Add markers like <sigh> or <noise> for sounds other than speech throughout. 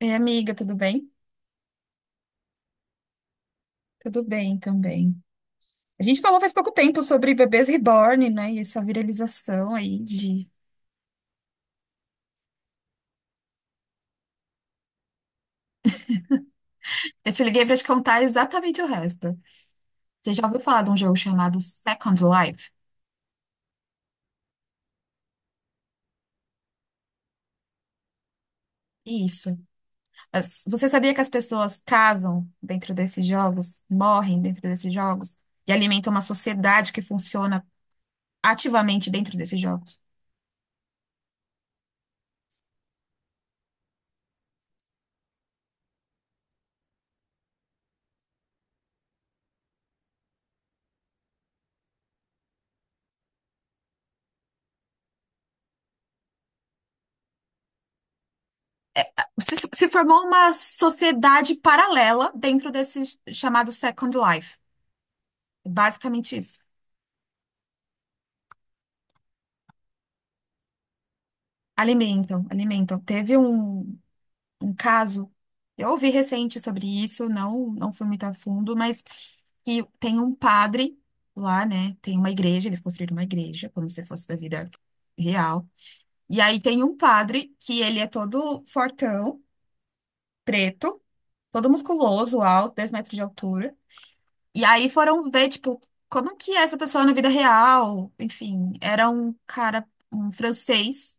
Ei, amiga, tudo bem? Tudo bem também. A gente falou faz pouco tempo sobre bebês reborn, né? E essa viralização aí de. Eu te liguei pra te contar exatamente o resto. Você já ouviu falar de um jogo chamado Second Life? Isso. Você sabia que as pessoas casam dentro desses jogos, morrem dentro desses jogos e alimentam uma sociedade que funciona ativamente dentro desses jogos? Se formou uma sociedade paralela dentro desse chamado Second Life. Basicamente isso. Alimentam, alimentam. Teve um caso, eu ouvi recente sobre isso, não fui muito a fundo, mas que tem um padre lá, né? Tem uma igreja, eles construíram uma igreja, como se fosse da vida real. E aí tem um padre que ele é todo fortão, preto, todo musculoso, alto, 10 metros de altura. E aí foram ver, tipo, como que é essa pessoa na vida real? Enfim, era um cara, um francês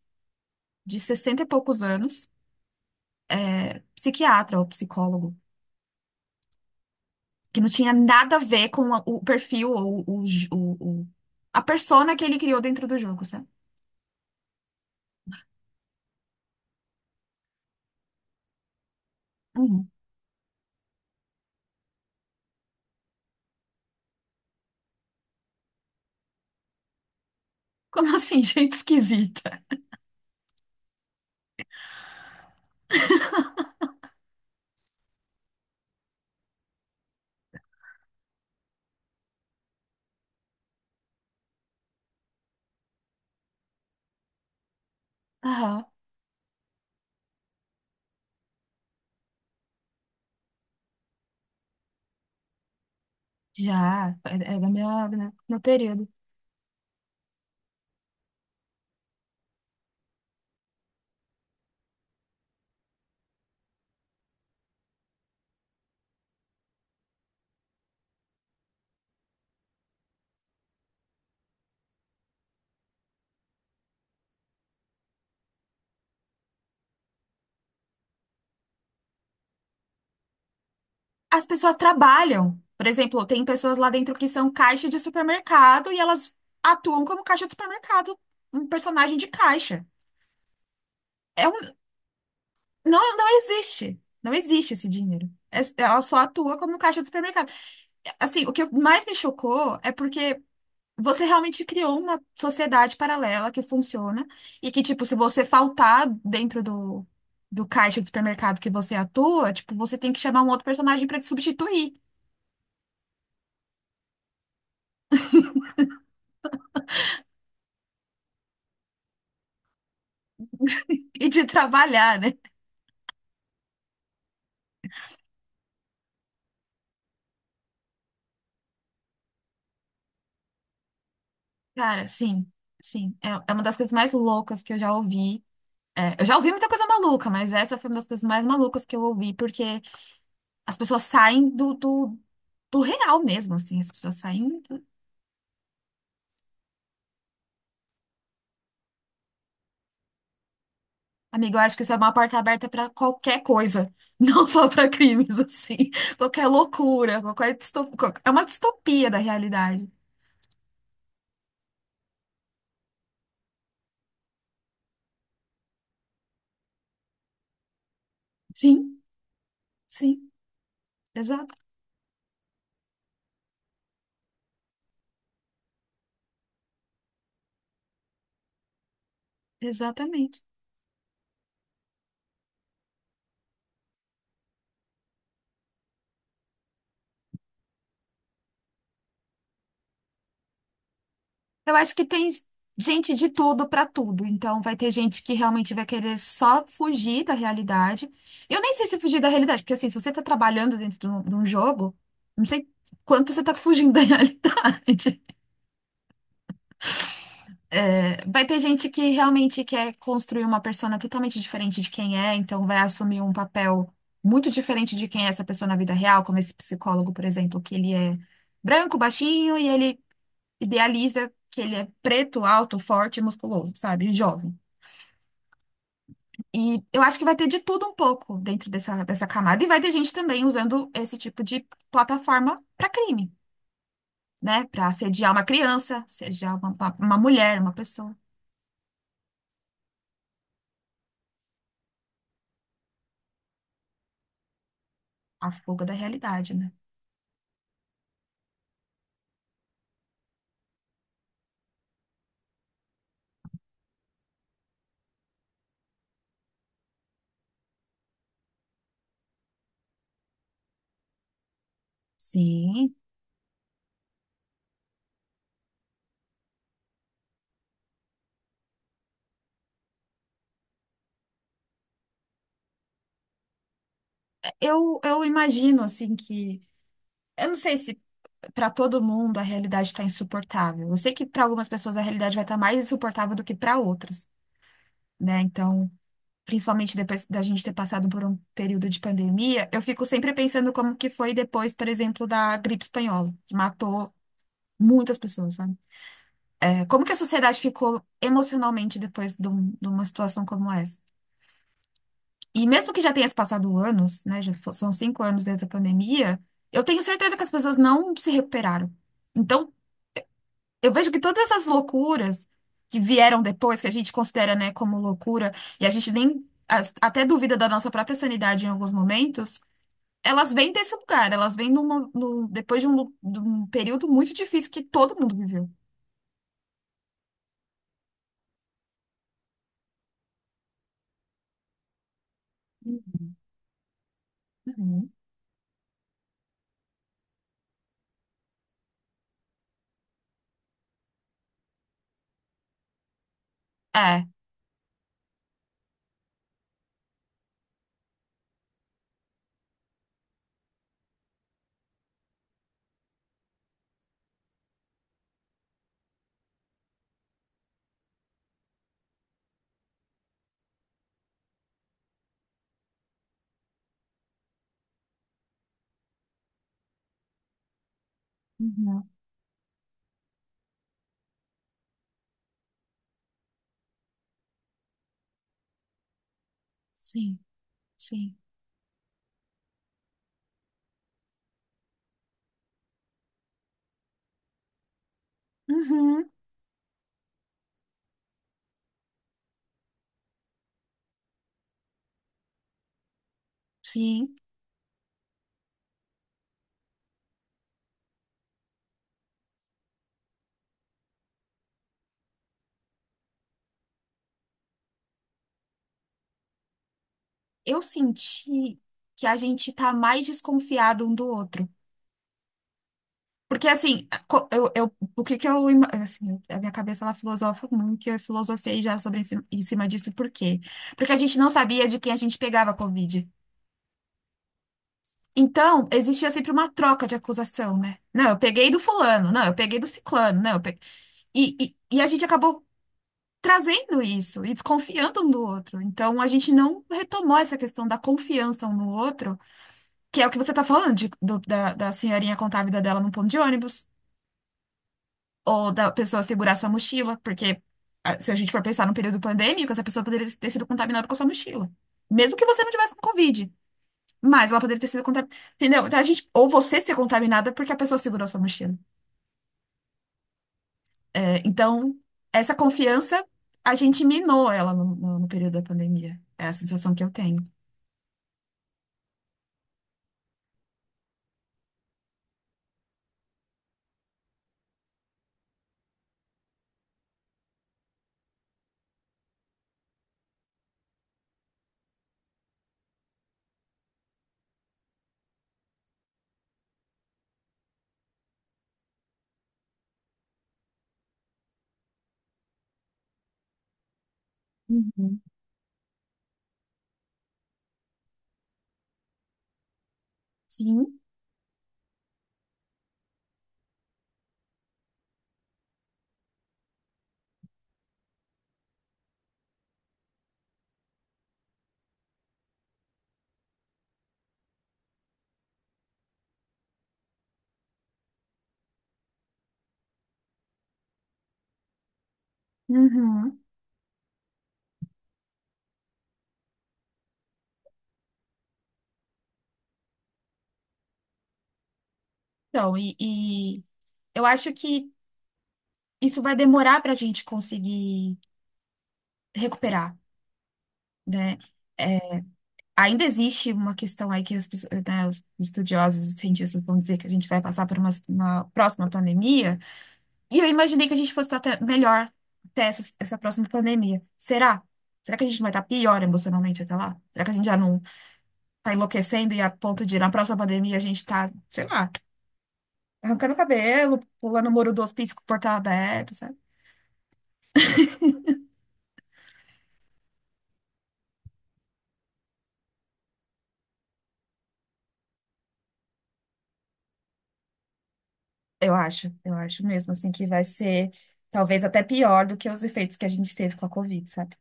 de 60 e poucos anos. Psiquiatra ou psicólogo, que não tinha nada a ver com o perfil ou o, j- o- a persona que ele criou dentro do jogo, sabe? Uhum. Como assim, <laughs> gente esquisita? Aham, já, é da minha, do meu período. As pessoas trabalham. Por exemplo, tem pessoas lá dentro que são caixa de supermercado e elas atuam como caixa de supermercado, um personagem de caixa. É um, não existe. Não existe esse dinheiro. Ela só atua como caixa de supermercado. Assim, o que mais me chocou é porque você realmente criou uma sociedade paralela que funciona e que, tipo, se você faltar dentro do caixa do supermercado que você atua, tipo, você tem que chamar um outro personagem pra te substituir <laughs> e te trabalhar, né? Cara, sim, sim. É uma das coisas mais loucas que eu já ouvi. É, eu já ouvi muita coisa maluca, mas essa foi uma das coisas mais malucas que eu ouvi, porque as pessoas saem do real mesmo, assim, as pessoas saem. Amigo, eu acho que isso é uma porta aberta para qualquer coisa, <laughs> não só para crimes, assim. Qualquer loucura, qualquer É uma distopia da realidade. Sim, sim, exato, exatamente. Eu acho que tem gente de tudo para tudo, então vai ter gente que realmente vai querer só fugir da realidade. Eu nem sei se fugir da realidade, porque assim, se você tá trabalhando dentro de um jogo, não sei quanto você tá fugindo da <laughs> realidade. É, vai ter gente que realmente quer construir uma persona totalmente diferente de quem é, então vai assumir um papel muito diferente de quem é essa pessoa na vida real, como esse psicólogo, por exemplo, que ele é branco, baixinho e ele idealiza que ele é preto, alto, forte, musculoso, sabe? E jovem. E eu acho que vai ter de tudo um pouco dentro dessa camada, e vai ter gente também usando esse tipo de plataforma para crime, né? Para assediar uma criança, assediar uma mulher, uma pessoa. A fuga da realidade, né? Sim. Eu imagino, assim, que. Eu não sei se para todo mundo a realidade está insuportável. Eu sei que para algumas pessoas a realidade vai estar mais insuportável do que para outras, né? Então, principalmente depois da gente ter passado por um período de pandemia, eu fico sempre pensando como que foi depois, por exemplo, da gripe espanhola, que matou muitas pessoas, sabe? É, como que a sociedade ficou emocionalmente depois de de uma situação como essa? E mesmo que já tenha se passado anos, né? São 5 anos desde a pandemia, eu tenho certeza que as pessoas não se recuperaram. Então, eu vejo que todas essas loucuras que vieram depois, que a gente considera, né, como loucura, e a gente nem até duvida da nossa própria sanidade em alguns momentos, elas vêm desse lugar, elas vêm depois de um período muito difícil que todo mundo viveu. Uhum. Uhum. É. Uhum. Sim, sim. Uhum, sim. Eu senti que a gente tá mais desconfiado um do outro. Porque, assim, o que que eu... Assim, a minha cabeça, ela filosofa muito, e eu filosofei já sobre esse, em cima disso. Por quê? Porque a gente não sabia de quem a gente pegava a Covid. Então, existia sempre uma troca de acusação, né? Não, eu peguei do fulano. Não, eu peguei do ciclano. Não, eu peguei... E a gente acabou trazendo isso e desconfiando um do outro. Então, a gente não retomou essa questão da confiança um no outro. Que é o que você tá falando, da senhorinha contar a vida dela num ponto de ônibus, ou da pessoa segurar sua mochila, porque ah, se a gente for pensar no período pandêmico, essa pessoa poderia ter sido contaminada com a sua mochila. Mesmo que você não tivesse com Covid, mas ela poderia ter sido contaminada. Entendeu? Então, a gente, ou você ser contaminada porque a pessoa segurou sua mochila. É, então, essa confiança, a gente minou ela no período da pandemia. É a sensação que eu tenho. Uhum. Sim. Uhum. Então, e eu acho que. Isso vai demorar para a gente conseguir recuperar, né? É, ainda existe uma questão aí que as pessoas, né, os estudiosos e cientistas vão dizer que a gente vai passar por uma próxima pandemia, e eu imaginei que a gente fosse estar até melhor até essa próxima pandemia. Será? Será que a gente não vai estar pior emocionalmente até lá? Será que a gente já não está enlouquecendo e a ponto de na próxima pandemia a gente está, sei lá, arrancando o cabelo, pulando o muro do hospício com o portão aberto, eu acho, eu acho mesmo, assim, que vai ser talvez até pior do que os efeitos que a gente teve com a Covid, sabe?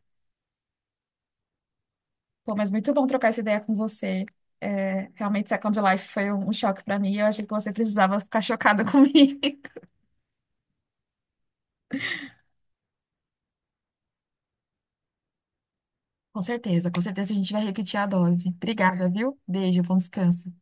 Pô, mas muito bom trocar essa ideia com você. É, realmente, Second Life foi um choque pra mim. Eu achei que você precisava ficar chocada <laughs> comigo. Com certeza a gente vai repetir a dose. Obrigada, viu? Beijo, bom descanso.